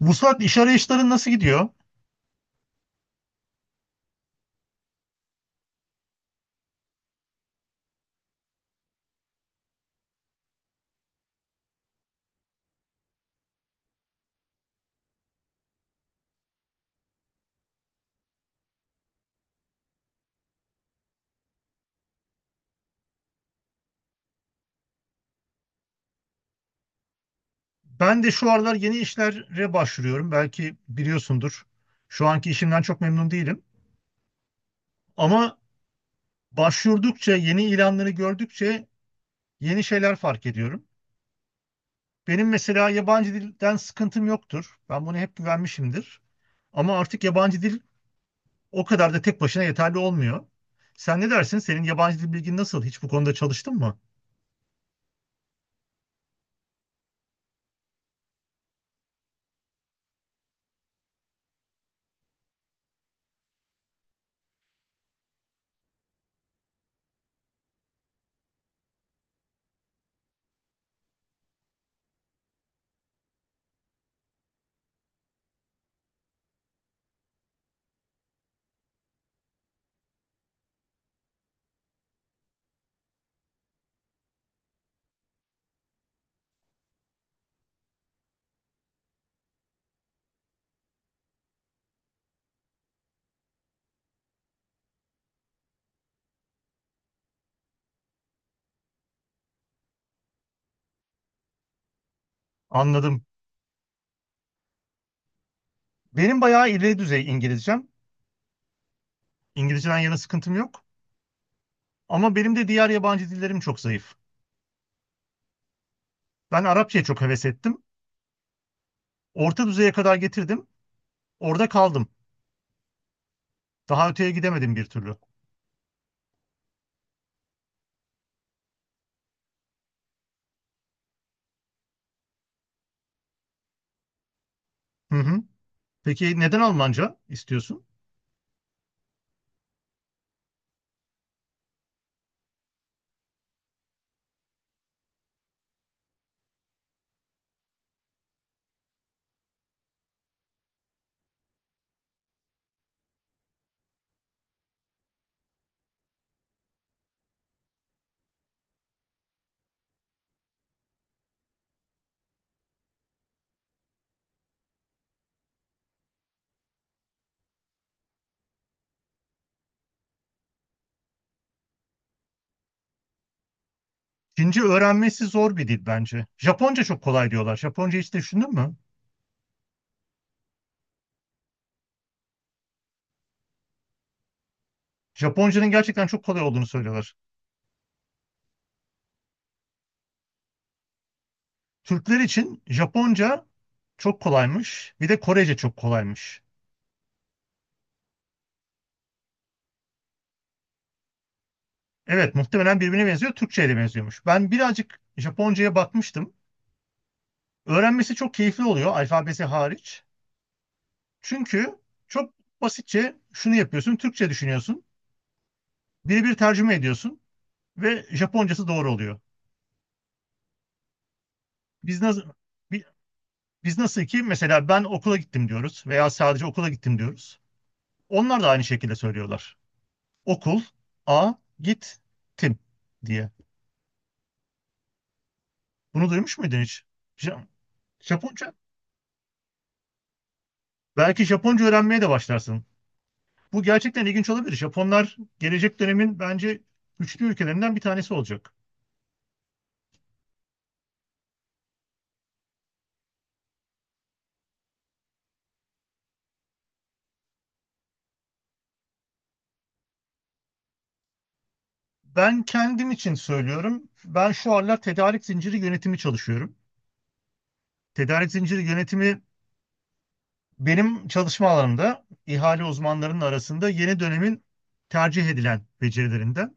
Vuslat, iş arayışların nasıl gidiyor? Ben de şu aralar yeni işlere başvuruyorum. Belki biliyorsundur. Şu anki işimden çok memnun değilim. Ama başvurdukça, yeni ilanları gördükçe yeni şeyler fark ediyorum. Benim mesela yabancı dilden sıkıntım yoktur. Ben bunu hep güvenmişimdir. Ama artık yabancı dil o kadar da tek başına yeterli olmuyor. Sen ne dersin? Senin yabancı dil bilgin nasıl? Hiç bu konuda çalıştın mı? Anladım. Benim bayağı ileri düzey İngilizcem. İngilizceden yana sıkıntım yok. Ama benim de diğer yabancı dillerim çok zayıf. Ben Arapçaya çok heves ettim. Orta düzeye kadar getirdim. Orada kaldım. Daha öteye gidemedim bir türlü. Hı hı. Peki neden Almanca istiyorsun? Çince öğrenmesi zor bir dil bence. Japonca çok kolay diyorlar. Japonca hiç düşündün mü? Japonca'nın gerçekten çok kolay olduğunu söylüyorlar. Türkler için Japonca çok kolaymış. Bir de Korece çok kolaymış. Evet, muhtemelen birbirine benziyor. Türkçe'ye de benziyormuş. Ben birazcık Japonca'ya bakmıştım. Öğrenmesi çok keyifli oluyor, alfabesi hariç. Çünkü çok basitçe şunu yapıyorsun: Türkçe düşünüyorsun, birebir tercüme ediyorsun ve Japoncası doğru oluyor. Biz nasıl biz nasıl ki mesela ben okula gittim diyoruz veya sadece okula gittim diyoruz. Onlar da aynı şekilde söylüyorlar. Okul a git tim diye. Bunu duymuş muydun hiç? Ja- Japonca. Belki Japonca öğrenmeye de başlarsın. Bu gerçekten ilginç olabilir. Japonlar gelecek dönemin bence güçlü ülkelerinden bir tanesi olacak. Ben kendim için söylüyorum. Ben şu aralar tedarik zinciri yönetimi çalışıyorum. Tedarik zinciri yönetimi benim çalışma alanımda ihale uzmanlarının arasında yeni dönemin tercih edilen becerilerinden.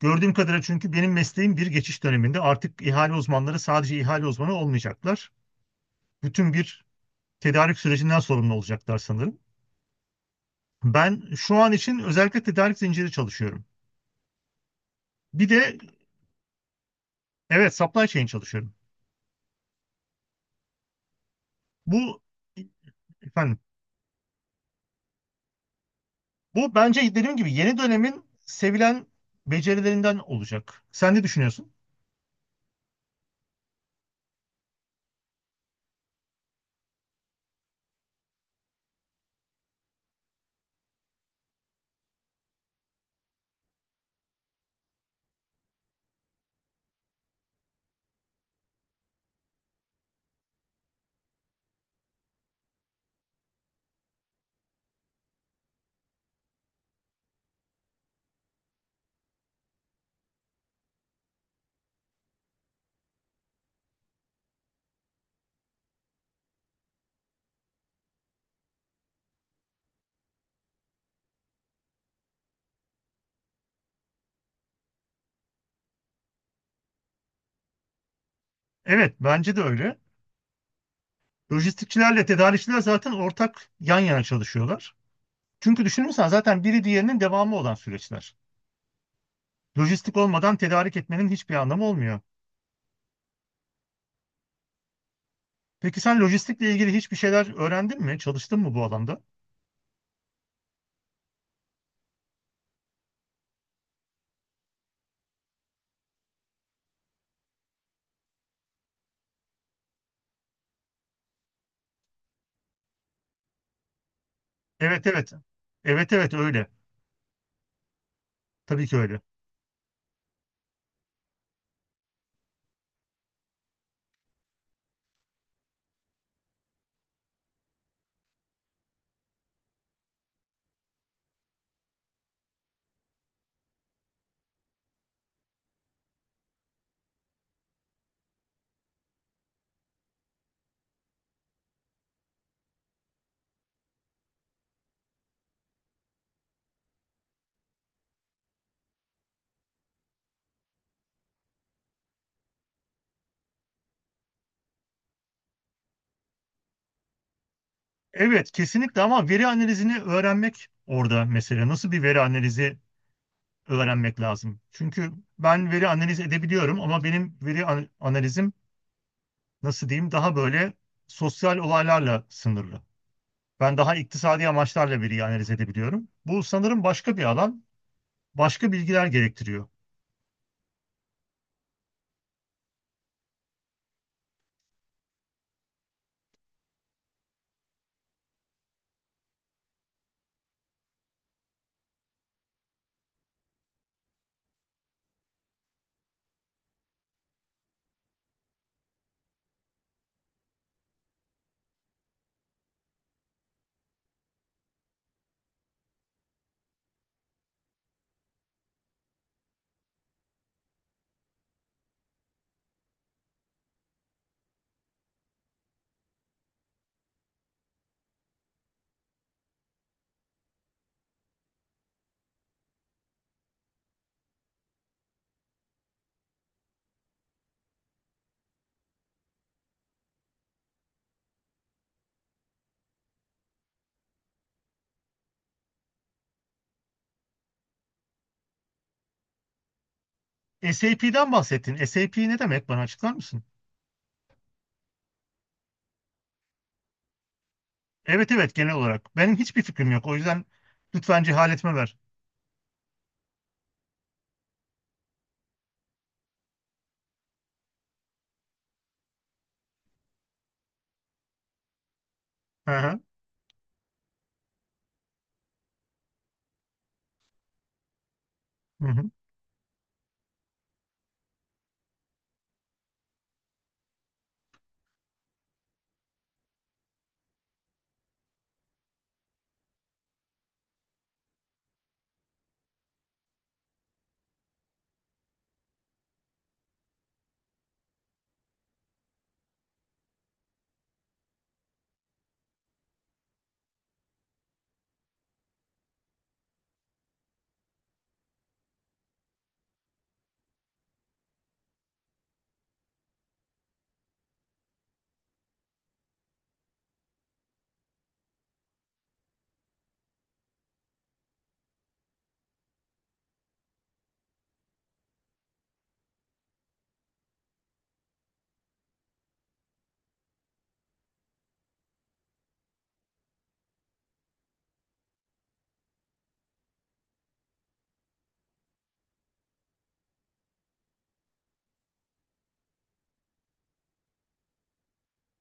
Gördüğüm kadarıyla, çünkü benim mesleğim bir geçiş döneminde, artık ihale uzmanları sadece ihale uzmanı olmayacaklar. Bütün bir tedarik sürecinden sorumlu olacaklar sanırım. Ben şu an için özellikle tedarik zinciri çalışıyorum. Bir de evet, supply chain çalışıyorum. Bu efendim, bu bence dediğim gibi yeni dönemin sevilen becerilerinden olacak. Sen ne düşünüyorsun? Evet, bence de öyle. Lojistikçilerle tedarikçiler zaten ortak yan yana çalışıyorlar. Çünkü düşünürsen zaten biri diğerinin devamı olan süreçler. Lojistik olmadan tedarik etmenin hiçbir anlamı olmuyor. Peki sen lojistikle ilgili hiçbir şeyler öğrendin mi? Çalıştın mı bu alanda? Evet, evet. Evet, evet öyle. Tabii ki öyle. Evet, kesinlikle, ama veri analizini öğrenmek orada mesela. Nasıl bir veri analizi öğrenmek lazım? Çünkü ben veri analiz edebiliyorum, ama benim veri analizim nasıl diyeyim, daha böyle sosyal olaylarla sınırlı. Ben daha iktisadi amaçlarla veriyi analiz edebiliyorum. Bu sanırım başka bir alan, başka bilgiler gerektiriyor. SAP'den bahsettin. SAP ne demek? Bana açıklar mısın? Evet evet, genel olarak. Benim hiçbir fikrim yok. O yüzden lütfen cehaletime ver. Hı hı. Hı hı.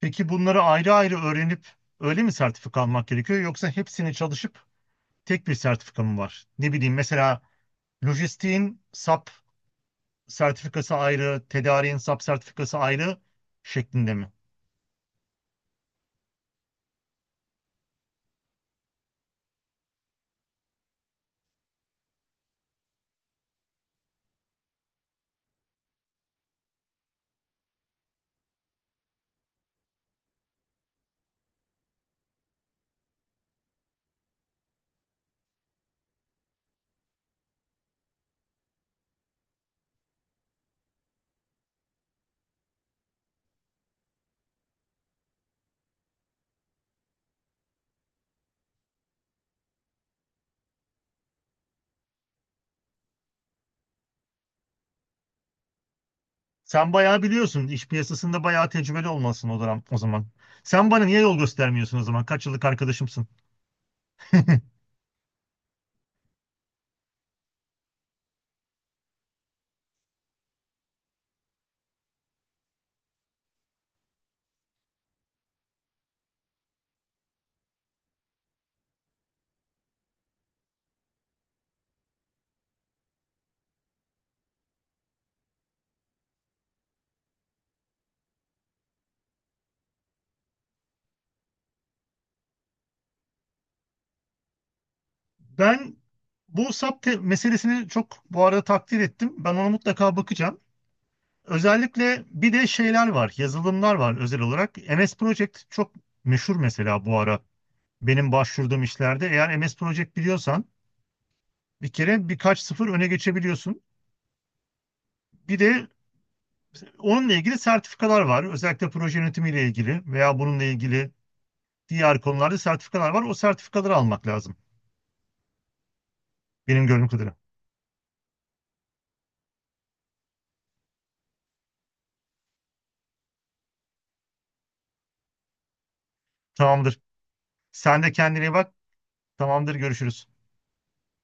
Peki bunları ayrı ayrı öğrenip öyle mi sertifika almak gerekiyor, yoksa hepsini çalışıp tek bir sertifika mı var? Ne bileyim, mesela Lojistiğin SAP sertifikası ayrı, tedariğin SAP sertifikası ayrı şeklinde mi? Sen bayağı biliyorsun. İş piyasasında bayağı tecrübeli olmalısın o zaman. O zaman sen bana niye yol göstermiyorsun o zaman? Kaç yıllık arkadaşımsın? Ben bu SAP meselesini çok bu arada takdir ettim. Ben ona mutlaka bakacağım. Özellikle bir de şeyler var, yazılımlar var özel olarak. MS Project çok meşhur mesela bu ara. Benim başvurduğum işlerde eğer MS Project biliyorsan bir kere birkaç sıfır öne geçebiliyorsun. Bir de onunla ilgili sertifikalar var. Özellikle proje yönetimiyle ilgili veya bununla ilgili diğer konularda sertifikalar var. O sertifikaları almak lazım. Benim gördüğüm kadarıyla. Tamamdır. Sen de kendine iyi bak. Tamamdır. Görüşürüz.